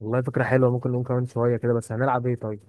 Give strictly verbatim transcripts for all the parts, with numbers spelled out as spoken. والله فكرة حلوة، ممكن نقوم كمان شوية كده. بس هنلعب ايه طيب؟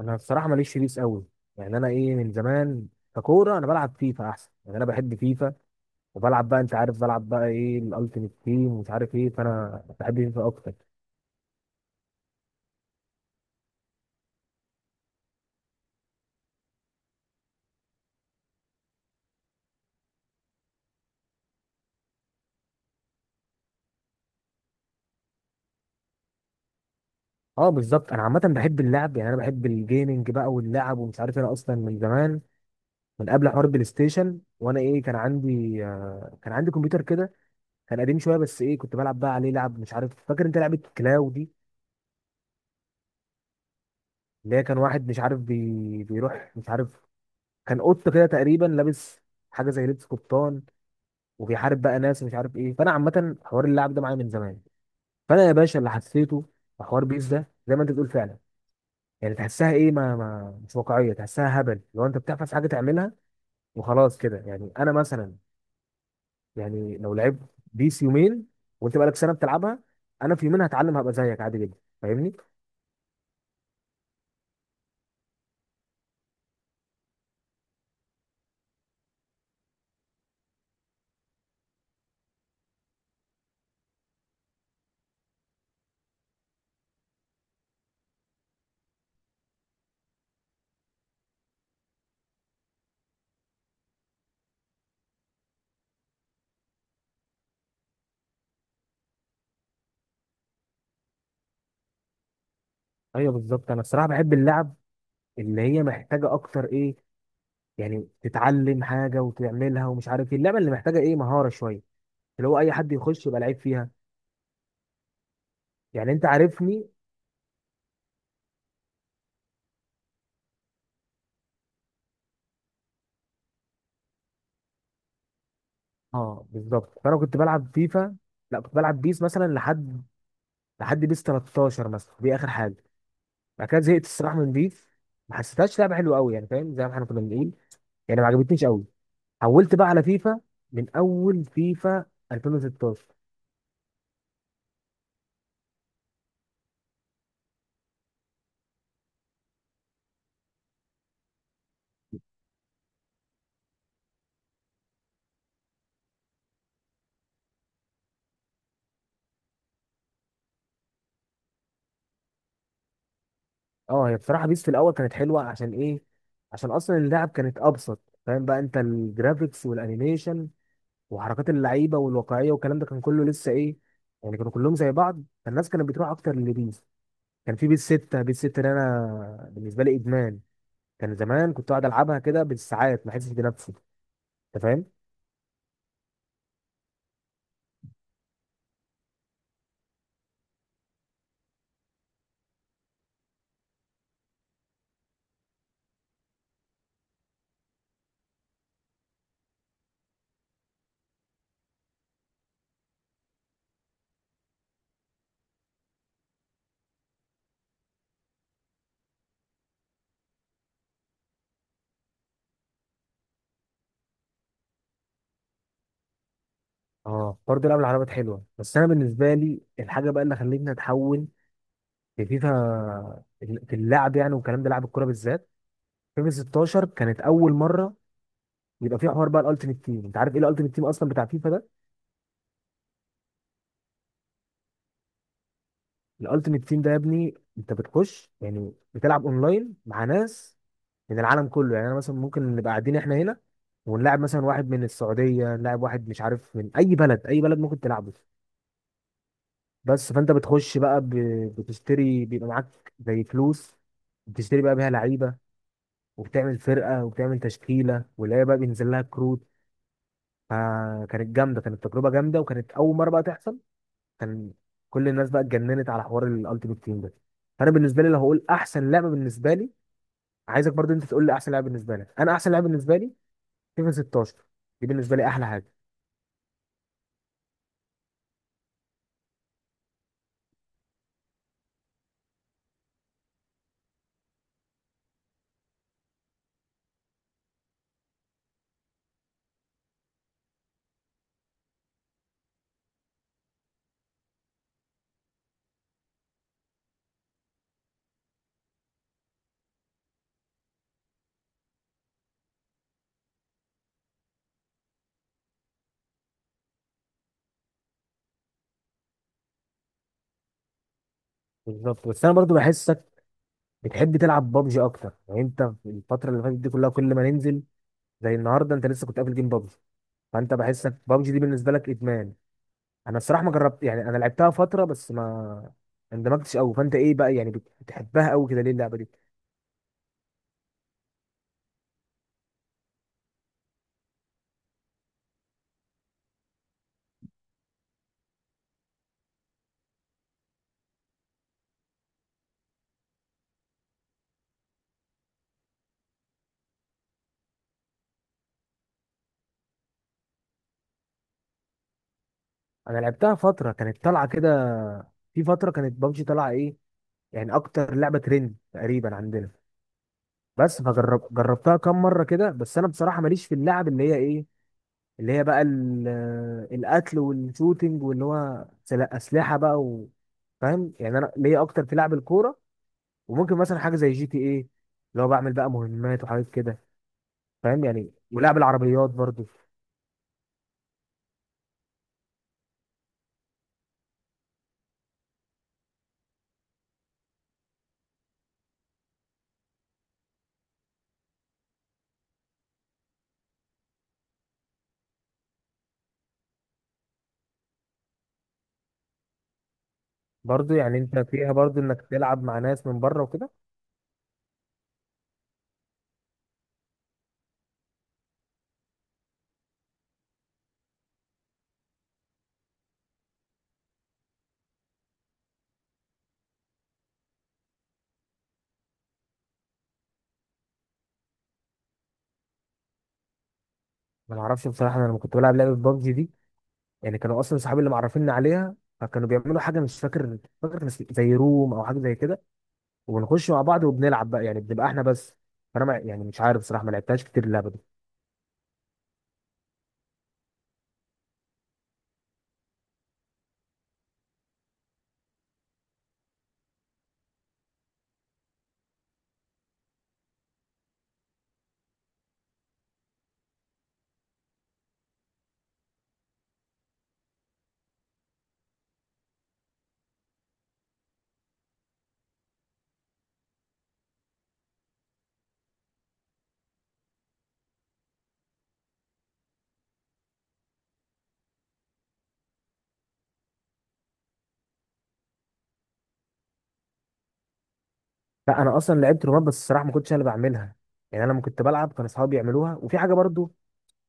أنا بصراحة ماليش في بيس قوي، يعني أنا ايه من زمان ككورة أنا بلعب فيفا أحسن، يعني أنا بحب فيفا. وبلعب بقى، أنت عارف، بلعب بقى ايه الألتيميت تيم ومش عارف ايه، فأنا بحب فيفا أكتر. أه بالظبط، أنا عامة بحب اللعب، يعني أنا بحب الجيمنج بقى واللعب ومش عارف إيه. أنا أصلا من زمان، من قبل حوار البلاي ستيشن، وأنا ايه كان عندي آه، كان عندي كمبيوتر كده، كان قديم شوية بس ايه كنت بلعب بقى عليه لعب. مش عارف، فاكر أنت لعبة كلاو دي؟ اللي هي كان واحد مش عارف بي... بيروح مش عارف، كان قط كده تقريبا، لابس حاجه زي لبس قبطان، وبيحارب بقى ناس ومش عارف ايه. فانا عامه حوار اللعب ده معايا من زمان. فانا يا باشا اللي حسيته في حوار بيس ده زي ما انت بتقول فعلا، يعني تحسها ايه ما, ما مش واقعيه، تحسها هبل. لو انت بتحفظ حاجه تعملها وخلاص كده. يعني انا مثلا، يعني لو لعبت بيس يومين وانت بقالك سنه بتلعبها، انا في يومين هتعلم هبقى زيك عادي جدا، فاهمني؟ ايوه بالظبط، انا الصراحه بحب اللعب اللي هي محتاجه اكتر ايه، يعني تتعلم حاجه وتعملها ومش عارف ايه، اللعبه اللي محتاجه ايه مهاره شويه، اللي هو اي حد يخش يبقى لعيب فيها، يعني انت عارفني. اه بالظبط، فانا كنت بلعب فيفا، لا كنت بلعب بيس مثلا لحد لحد بيس تلتاشر مثلا، دي اخر حاجه. بعد كده زهقت الصراحه من بيس، ما حسيتهاش لعبه حلوه قوي، يعني فاهم، زي ما احنا كنا بنقول، يعني ما عجبتنيش قوي. حولت بقى على فيفا، من اول فيفا ألفين وستاشر. اه هي بصراحه بيس في الاول كانت حلوه عشان ايه؟ عشان اصلا اللعب كانت ابسط، فاهم بقى انت، الجرافيكس والانيميشن وحركات اللعيبه والواقعيه والكلام ده كان كله لسه ايه، يعني كانوا كلهم زي بعض، فالناس كانت بتروح اكتر للبيس. كان في بيس ستة، بيس ستة ده انا بالنسبه لي ادمان، كان زمان كنت اقعد العبها كده بالساعات ما احسش بنفسي، انت فاهم. اه برضه لعب العربيات حلوه، بس انا بالنسبه لي الحاجه بقى اللي خلتني اتحول في فيفا، في اللعب يعني والكلام ده، لعب الكوره بالذات. فيفا ستاشر كانت اول مره يبقى في حوار بقى الالتيميت تيم. انت عارف ايه الالتيميت تيم اصلا بتاع فيفا ده؟ الالتيميت تيم ده يا ابني انت بتخش، يعني بتلعب اونلاين مع ناس من العالم كله، يعني انا مثلا ممكن نبقى قاعدين احنا هنا ونلاعب مثلا واحد من السعوديه، نلاعب واحد مش عارف من اي بلد، اي بلد ممكن تلعبه. بس فانت بتخش بقى ب- بتشتري، بيبقى معاك زي فلوس بتشتري بقى بيها لعيبه، وبتعمل فرقه وبتعمل تشكيله، واللعيبه بقى بينزل لها كروت. فكانت جامده، كانت تجربه جامده، وكانت اول مره بقى تحصل. كان كل الناس بقى اتجننت على حوار الالتيميت تيم ده. فانا بالنسبه لي لو هقول احسن لعبه بالنسبه لي، عايزك برضو انت تقول لي احسن لعبه بالنسبه لك. انا احسن لعبه بالنسبه لي فيفا ستاشر، دي بالنسبه لي احلى حاجه. بالظبط، بس انا برضو بحسك بتحب تلعب بابجي اكتر، يعني انت في الفتره اللي فاتت دي كلها كل ما ننزل زي النهارده انت لسه كنت قافل جيم بابجي، فانت بحسك بابجي دي بالنسبه لك ادمان. انا الصراحه ما جربت، يعني انا لعبتها فتره بس ما اندمجتش قوي. فانت ايه بقى، يعني بت- بتحبها قوي كده ليه اللعبه دي؟ انا لعبتها فتره كانت طالعه كده، في فتره كانت بابجي طالعه ايه، يعني اكتر لعبه ترند تقريبا عندنا. بس فجرب جربتها كام مره كده، بس انا بصراحه ماليش في اللعب اللي هي ايه، اللي هي بقى ال- القتل والشوتينج، واللي هو سل- اسلحه بقى و... فاهم، يعني انا ليا اكتر في لعب الكوره، وممكن مثلا حاجه زي جي تي ايه اللي هو بعمل بقى مهمات وحاجات كده، فاهم يعني، ولعب العربيات برضو. برضو يعني انت فيها برضو انك تلعب مع ناس من بره وكده. ما اعرفش بصراحه، انا لما كنت بلعب لعبه ببجي دي، يعني كانوا اصلا صحابي اللي معرفيني عليها، فكانوا بيعملوا حاجه مش فاكر، فاكر كان اسم- زي روم او حاجه زي كده، وبنخش مع بعض وبنلعب بقى، يعني بنبقى احنا بس. فانا ما يعني مش عارف صراحه، ما لعبتهاش كتير اللعبه دي. لا انا اصلا لعبت رومات، بس الصراحه ما كنتش انا اللي بعملها، يعني انا لما كنت بلعب كان اصحابي بيعملوها. وفي حاجه برضو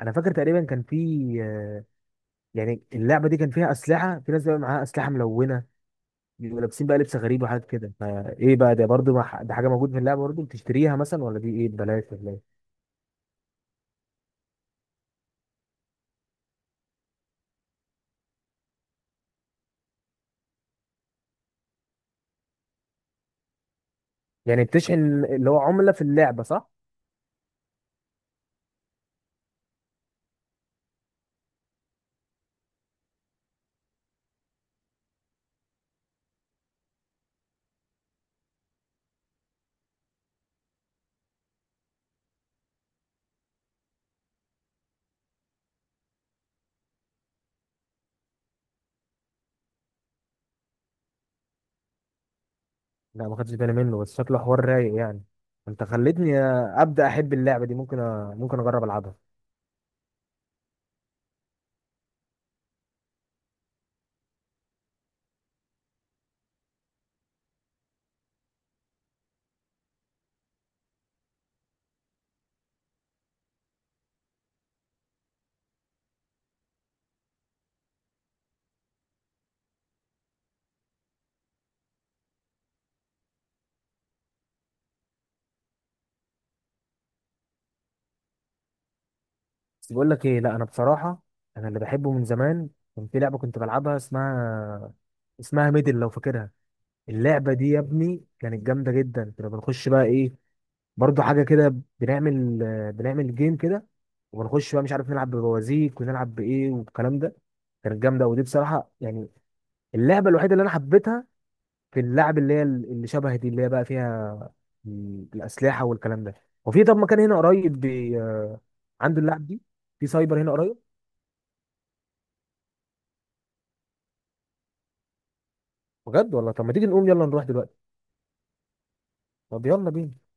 انا فاكر تقريبا، كان في آه، يعني اللعبه دي كان فيها اسلحه، في ناس بقى معاها اسلحه ملونه، بيبقوا لابسين بقى لبس غريب وحاجات كده. فايه بقى ده برضو، ما- ده حاجه موجوده في اللعبه برضو، بتشتريها مثلا ولا دي ايه ببلاش ولا ايه؟ يعني بتشحن اللي هو عمله في اللعبه، صح؟ لا ما خدتش بالي منه، بس شكله حوار رايق يعني. انت خلتني ابدا احب اللعبه دي، ممكن أ... ممكن اجرب العبها. بس بقول لك ايه، لا انا بصراحه انا اللي بحبه من زمان، كان في لعبه كنت بلعبها اسمها اسمها ميدل، لو فاكرها. اللعبه دي يا ابني كانت جامده جدا، كنا بنخش بقى ايه، برضو حاجه كده، بنعمل بنعمل جيم كده، وبنخش بقى مش عارف نلعب ببوازيك، ونلعب بايه والكلام ده. كانت جامده، ودي بصراحه يعني اللعبه الوحيده اللي انا حبيتها في اللعب اللي هي اللي شبه دي، اللي هي بقى فيها الأسلحة والكلام ده. وفي، طب، مكان هنا قريب بي... آه، عنده اللعب دي، في سايبر هنا قريب. بجد والله؟ طب ما تيجي نقوم، يلا نروح دلوقتي. طب يلا بينا.